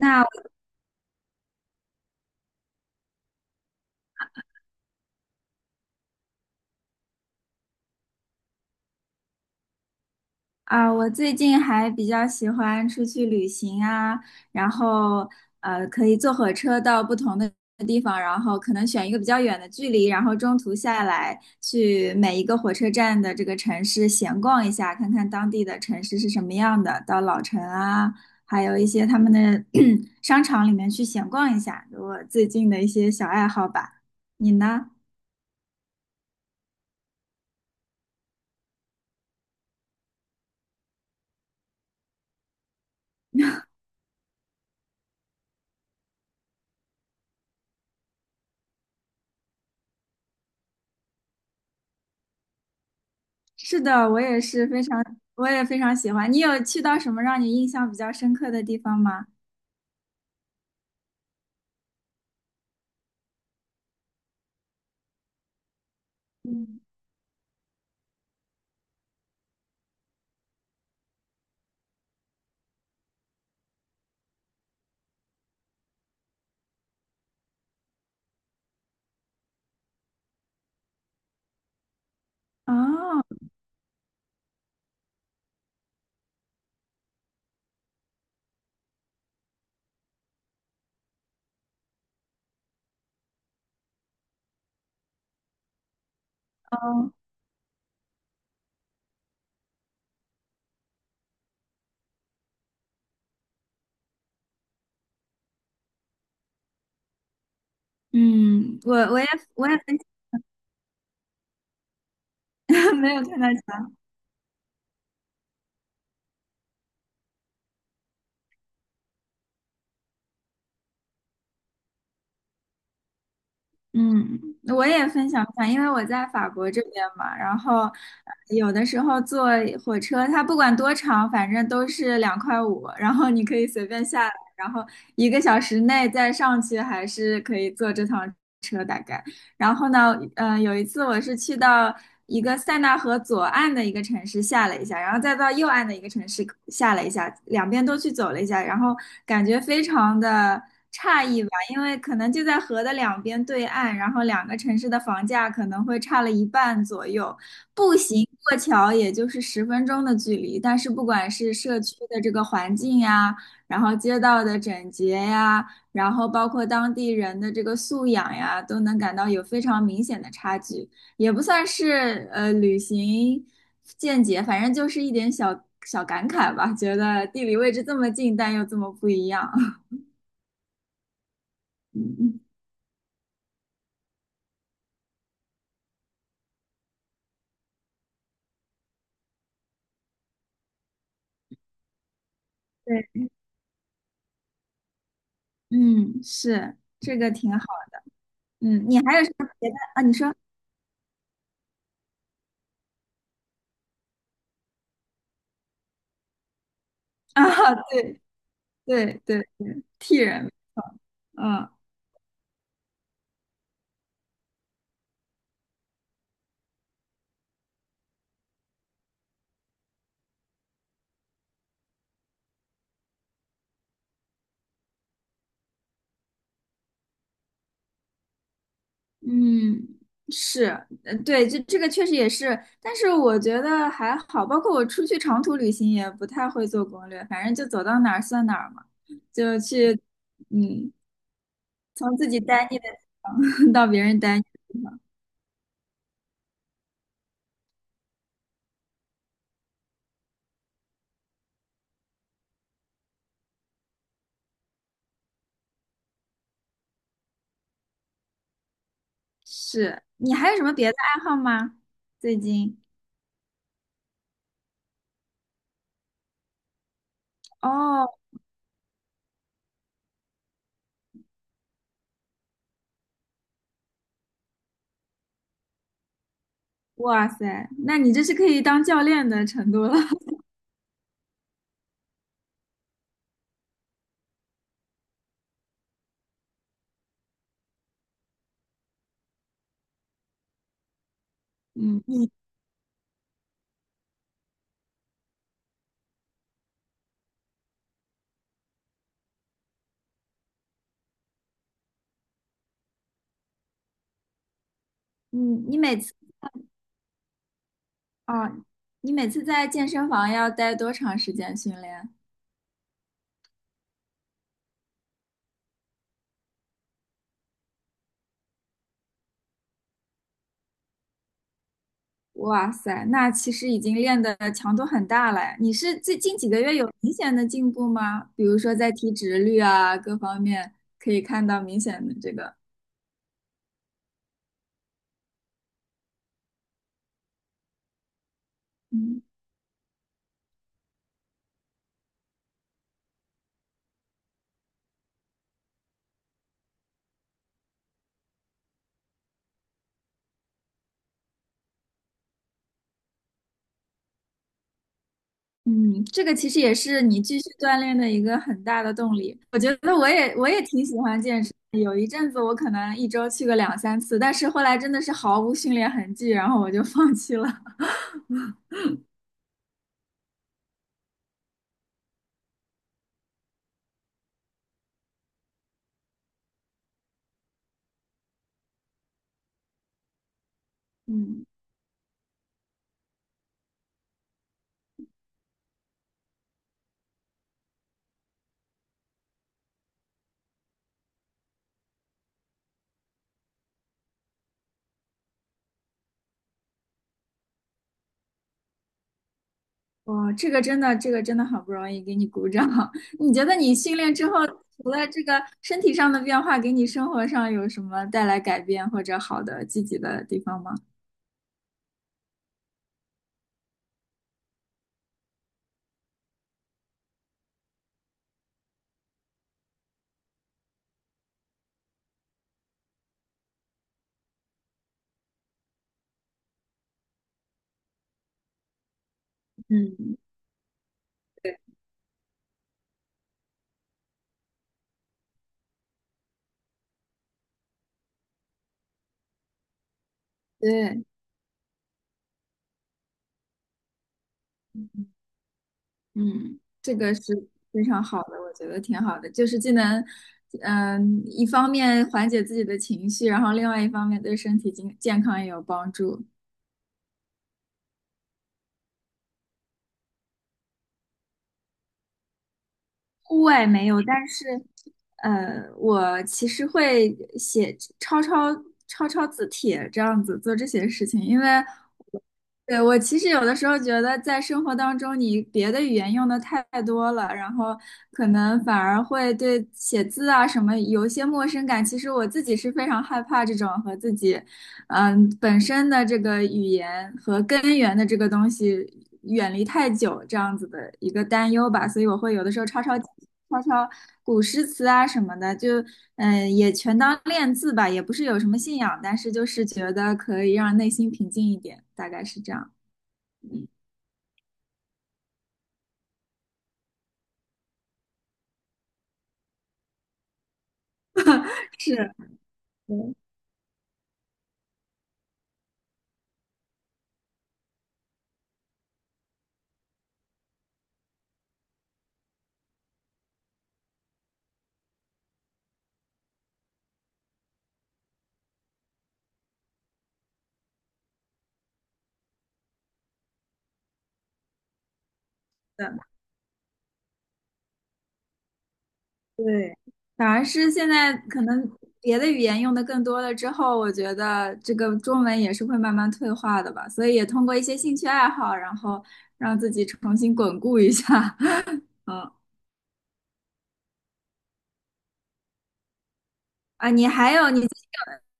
那啊、我最近还比较喜欢出去旅行啊，然后可以坐火车到不同的地方，然后可能选一个比较远的距离，然后中途下来去每一个火车站的这个城市闲逛一下，看看当地的城市是什么样的，到老城啊，还有一些他们的 商场里面去闲逛一下，我最近的一些小爱好吧。你呢？是的，我也是非常，我也非常喜欢。你有去到什么让你印象比较深刻的地方吗？嗯，哦，嗯，我也分享 没有看到墙，嗯，我也分享一下，因为我在法国这边嘛，然后有的时候坐火车，它不管多长，反正都是2.5块，然后你可以随便下来，然后一个小时内再上去，还是可以坐这趟。概。然后呢，有一次我是去到一个塞纳河左岸的一个城市下了一下，然后再到右岸的一个城市下了一下，两边都去走了一下，然后感觉非常的诧异吧，因为可能就在河的两边对岸，然后两个城市的房价可能会差了一半左右，步行过桥也就是10分钟的距离，但是不管是社区的这个环境呀，然后街道的整洁呀。然后包括当地人的这个素养呀，都能感到有非常明显的差距，也不算是旅行见解，反正就是一点小小感慨吧，觉得地理位置这么近，但又这么不一样。嗯对，嗯，是，这个挺好。嗯，你还有什么别的啊？你说啊，对对对对，替人，嗯。嗯，是，对，这个确实也是，但是我觉得还好，包括我出去长途旅行也不太会做攻略，反正就走到哪儿算哪儿嘛，就去，嗯，从自己待腻的 到别人待腻的地方。是，你还有什么别的爱好吗？最近？哦，哇塞，那你这是可以当教练的程度了。嗯，你，你，你每次，哦，你每次在健身房要待多长时间训练？哇塞，那其实已经练的强度很大了。你是最近几个月有明显的进步吗？比如说在体脂率啊各方面，可以看到明显的这个，嗯嗯，这个其实也是你继续锻炼的一个很大的动力。我觉得我也挺喜欢健身的，有一阵子我可能一周去个两三次，但是后来真的是毫无训练痕迹，然后我就放弃了。嗯。哇，这个真的，这个真的好不容易给你鼓掌。你觉得你训练之后，除了这个身体上的变化，给你生活上有什么带来改变或者好的积极的地方吗？嗯，对，嗯，这个是非常好的，我觉得挺好的，就是既能，嗯，一方面缓解自己的情绪，然后另外一方面对身体健康也有帮助。户外没有，但是，呃，我其实会写抄字帖这样子做这些事情，因为对我其实有的时候觉得在生活当中，你别的语言用的太多了，然后可能反而会对写字啊什么有一些陌生感。其实我自己是非常害怕这种和自己嗯，本身的这个语言和根源的这个东西远离太久，这样子的一个担忧吧，所以我会有的时候抄古诗词啊什么的，就也全当练字吧，也不是有什么信仰，但是就是觉得可以让内心平静一点，大概是这样。是，嗯，的。对，反而是现在可能别的语言用的更多了之后，我觉得这个中文也是会慢慢退化的吧，所以也通过一些兴趣爱好，然后让自己重新巩固一下。嗯啊，你还有你最近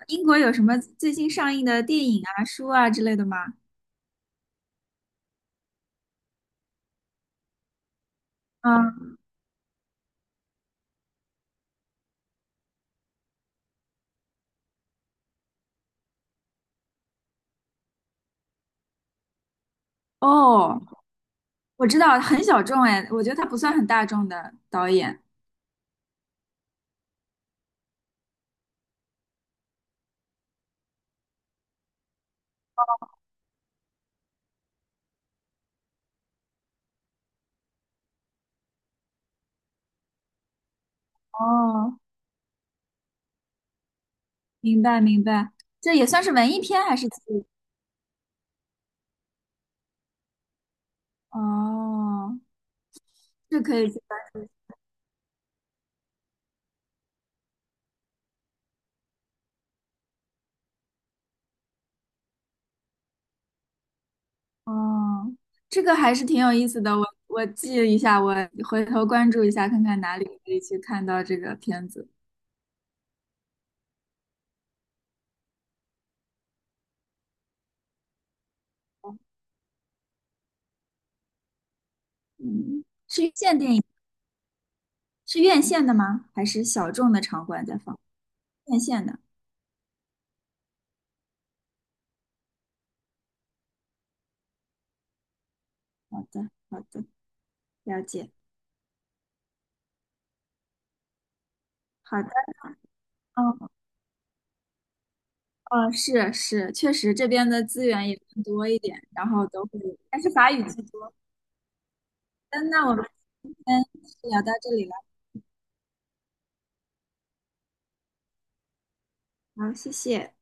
有英国有什么最新上映的电影啊、书啊之类的吗？嗯，哦，我知道，很小众哎，我觉得他不算很大众的导演。哦，明白明白，这也算是文艺片还是哦，这可以去关注。哦，这个还是挺有意思的，我记一下，我回头关注一下，看看哪里可以去看到这个片子。嗯，是院线电影，是院线的吗？还是小众的场馆在放？院线的。好的，好的，了解。好的，嗯，哦，是是，确实这边的资源也更多一点，然后都会，但是法语居多。嗯，那我们今天就聊到这里了，好，谢谢。